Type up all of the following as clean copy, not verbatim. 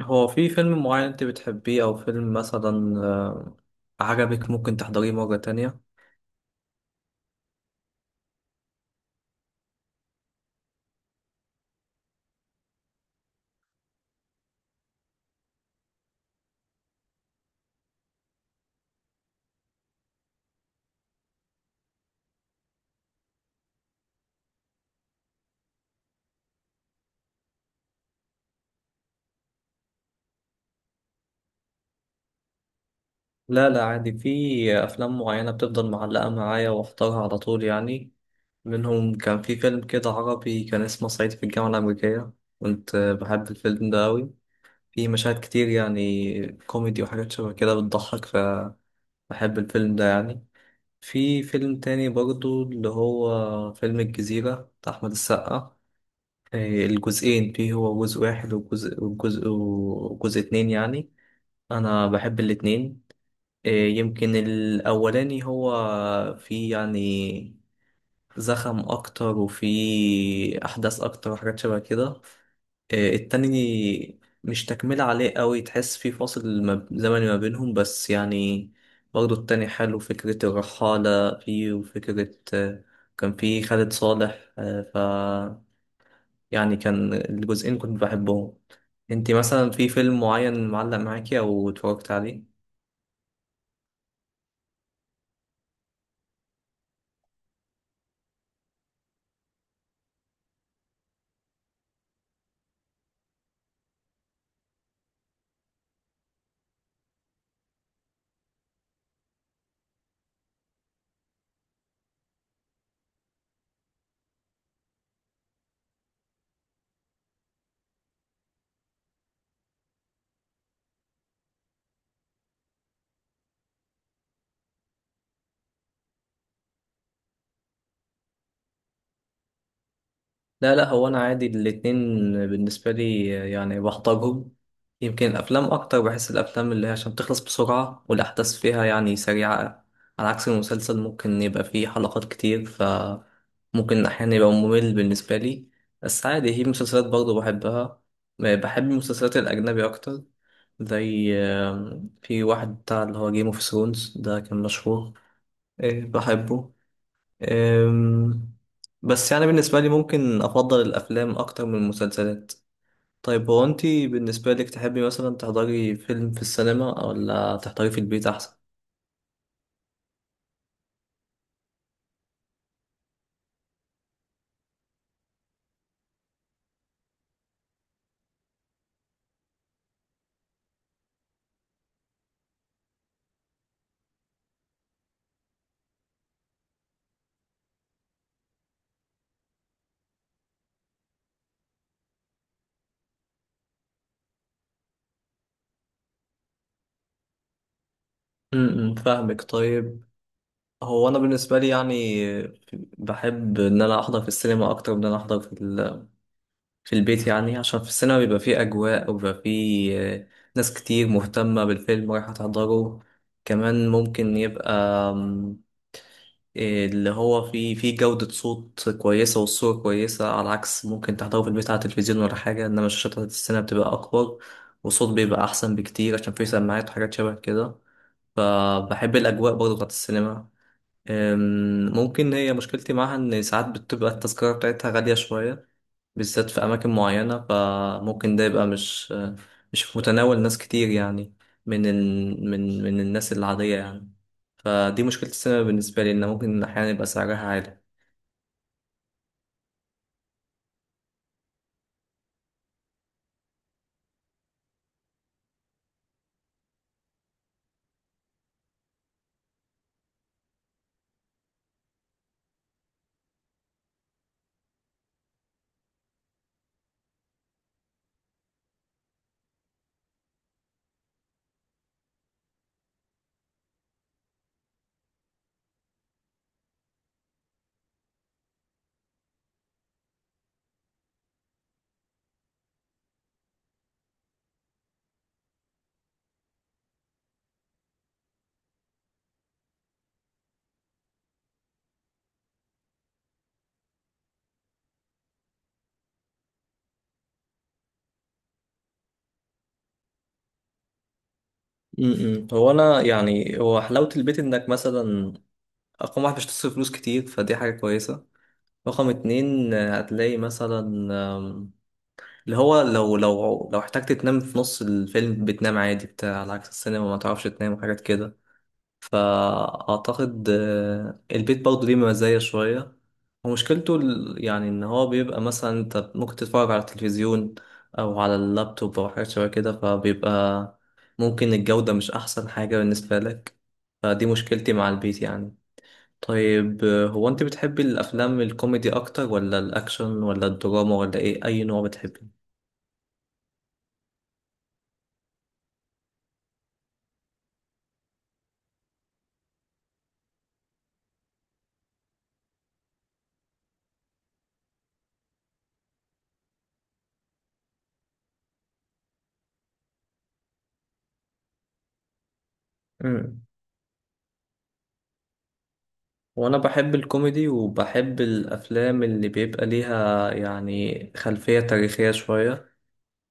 هو في فيلم معين انت بتحبيه او فيلم مثلا عجبك ممكن تحضريه مرة تانية؟ لا لا، عادي. في افلام معينة بتفضل معلقة معايا واختارها على طول يعني. منهم كان في فيلم كده عربي كان اسمه صعيدي في الجامعة الأمريكية. كنت بحب الفيلم ده أوي. في مشاهد كتير يعني كوميدي وحاجات شبه كده بتضحك، فبحب الفيلم ده يعني. في فيلم تاني برضو اللي هو فيلم الجزيرة بتاع أحمد السقا. إيه، الجزئين فيه، هو جزء واحد وجزء وجزء اتنين يعني. انا بحب الاتنين. إيه، يمكن الاولاني هو فيه يعني زخم اكتر وفيه احداث اكتر وحاجات شبه كده. إيه، التاني مش تكملة عليه قوي، تحس فيه فاصل زمني ما بينهم بس يعني. برضه التاني حلو، فكرة الرحالة فيه وفكرة كان فيه خالد صالح، يعني كان الجزئين كنت بحبهم. انتي مثلا في فيلم معين معلق معاكي او اتفرجت عليه؟ لا لا، هو انا عادي الاتنين بالنسبه لي يعني، بحتاجهم. يمكن الافلام اكتر، بحس الافلام اللي هي عشان بتخلص بسرعه والاحداث فيها يعني سريعه، على عكس المسلسل ممكن يبقى فيه حلقات كتير فممكن احيانا يبقى ممل بالنسبه لي. بس عادي، هي مسلسلات برضه بحبها. بحب المسلسلات الاجنبي اكتر، زي في واحد بتاع اللي هو جيم اوف ثرونز ده كان مشهور. بحبه. أم، بس يعني بالنسبة لي ممكن أفضل الأفلام أكتر من المسلسلات. طيب هو أنتي بالنسبة لك تحبي مثلا تحضري فيلم في السينما ولا تحضري في البيت أحسن؟ فاهمك. طيب، هو أنا بالنسبة لي يعني بحب إن أنا أحضر في السينما أكتر من إن أنا أحضر في البيت يعني، عشان في السينما بيبقى فيه أجواء وبيبقى فيه ناس كتير مهتمة بالفيلم رايحة تحضره. كمان ممكن يبقى اللي هو فيه جودة صوت كويسة والصورة كويسة، على عكس ممكن تحضره في البيت على التلفزيون ولا حاجة، إنما الشاشات بتاعت السينما بتبقى أكبر والصوت بيبقى أحسن بكتير عشان فيه سماعات وحاجات شبه كده. فبحب الأجواء برضه بتاعت السينما. ممكن هي مشكلتي معاها إن ساعات بتبقى التذكرة بتاعتها غالية شوية، بالذات في أماكن معينة، فممكن ده يبقى مش في متناول ناس كتير يعني، من ال... من من الناس العادية يعني. فدي مشكلة السينما بالنسبة لي، إن ممكن أحيانا يبقى سعرها عالي. هو أنا يعني هو حلاوة البيت إنك مثلا رقم واحد مش تصرف فلوس كتير، فدي حاجة كويسة. رقم اتنين، هتلاقي مثلا آم، اللي هو لو لو احتجت تنام في نص الفيلم بتنام عادي بتاع، على عكس السينما ما تعرفش تنام وحاجات كده. فأعتقد البيت برضه ليه مزايا شوية. ومشكلته يعني إن هو بيبقى مثلا أنت ممكن تتفرج على التلفزيون أو على اللابتوب أو حاجات شبه كده، فبيبقى ممكن الجودة مش أحسن حاجة بالنسبة لك. فدي مشكلتي مع البيت يعني. طيب هو أنت بتحبي الأفلام الكوميدي أكتر ولا الأكشن ولا الدراما ولا إيه؟ أي نوع بتحبي؟ وانا بحب الكوميدي، وبحب الافلام اللي بيبقى ليها يعني خلفية تاريخية شوية،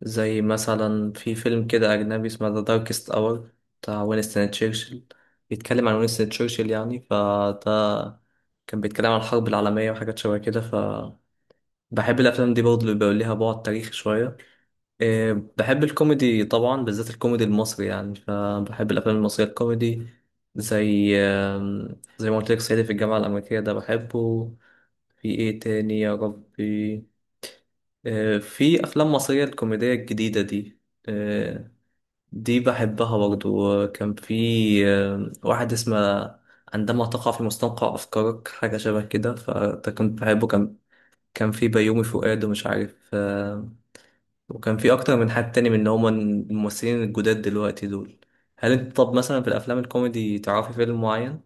زي مثلا في فيلم كده اجنبي اسمه ذا داركست اور بتاع وينستون تشرشل، بيتكلم عن وينستون تشرشل يعني. فده كان بيتكلم عن الحرب العالمية وحاجات شبه كده، فبحب الافلام دي برضه اللي بيبقى ليها بعد تاريخي شوية. إيه، بحب الكوميدي طبعا، بالذات الكوميدي المصري يعني، فبحب الافلام المصريه الكوميدي. زي زي ما قلت لك صعيدي في الجامعه الامريكيه ده بحبه. في ايه تاني يا ربي؟ إيه، في افلام مصريه الكوميديه الجديده دي. إيه، دي بحبها برضو. كان في واحد اسمه عندما تقع في مستنقع افكارك، حاجه شبه كده، فده كنت بحبه. كان كان في بيومي فؤاد ومش عارف، وكان في اكتر من حد تاني من اللي هما الممثلين الجداد دلوقتي دول. هل انت طب مثلا في الافلام الكوميدي تعرفي فيلم معين؟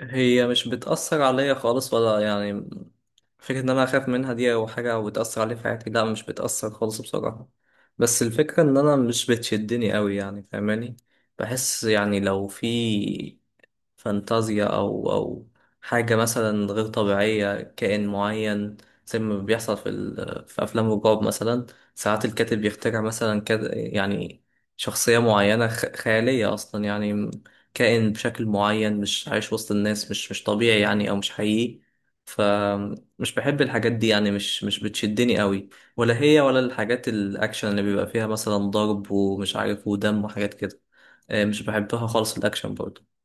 هي مش بتأثر عليا خالص ولا يعني فكرة إن أنا أخاف منها دي أو حاجة أو بتأثر عليا في حياتي، لا مش بتأثر خالص بصراحة. بس الفكرة إن أنا مش بتشدني أوي يعني، فاهماني؟ بحس يعني لو في فانتازيا أو حاجة مثلا غير طبيعية، كائن معين، زي ما بيحصل في أفلام الرعب مثلا. ساعات الكاتب بيخترع مثلا يعني شخصية معينة خيالية أصلا يعني، كائن بشكل معين مش عايش وسط الناس، مش طبيعي يعني، أو مش حقيقي. فمش بحب الحاجات دي يعني، مش بتشدني قوي. ولا هي، ولا الحاجات الأكشن اللي بيبقى فيها مثلا ضرب ومش عارف ودم وحاجات كده. مش بحبها خالص الأكشن برضه.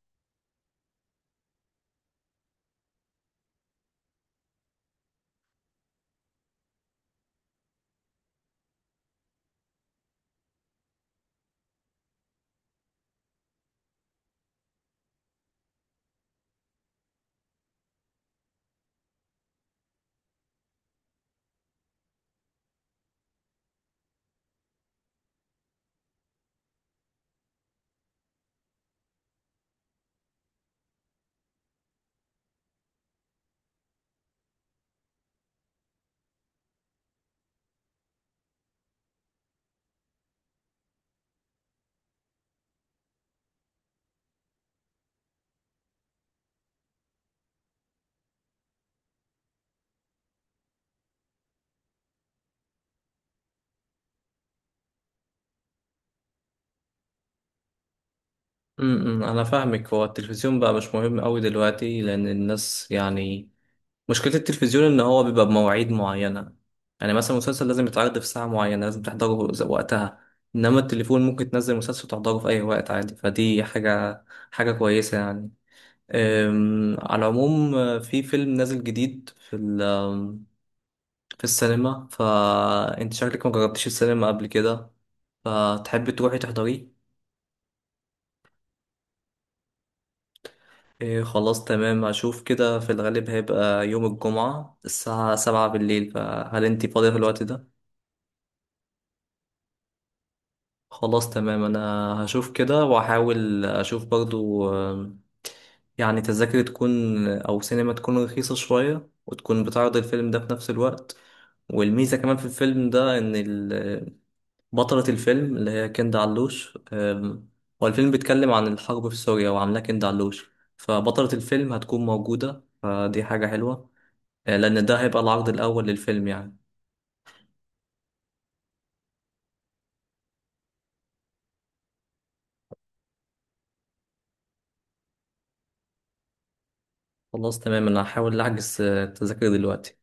انا فاهمك. هو التلفزيون بقى مش مهم قوي دلوقتي، لان الناس يعني مشكلة التلفزيون ان هو بيبقى بمواعيد معينة. يعني مثلا مسلسل لازم يتعرض في ساعة معينة، لازم تحضره وقتها. انما التليفون ممكن تنزل مسلسل تحضره في اي وقت عادي، فدي حاجة حاجة كويسة يعني. على العموم في فيلم نازل جديد في ال- آم، في السينما. فانت شكلك ما جربتش السينما قبل كده، فتحبي تروحي تحضريه. إيه خلاص تمام، هشوف كده في الغالب هيبقى يوم الجمعة الساعة 7 بالليل، فهل انتي فاضية في الوقت ده؟ خلاص تمام. أنا هشوف كده وأحاول أشوف برضو يعني تذاكر تكون أو سينما تكون رخيصة شوية وتكون بتعرض الفيلم ده في نفس الوقت. والميزة كمان في الفيلم ده إن بطلة الفيلم اللي هي كندا علوش. هو الفيلم بيتكلم عن الحرب في سوريا وعاملاه كندا علوش، فبطلة الفيلم هتكون موجودة فدي حاجة حلوة. لأن ده هيبقى العرض الأول للفيلم يعني. خلاص تمام أنا هحاول أحجز تذاكر دلوقتي.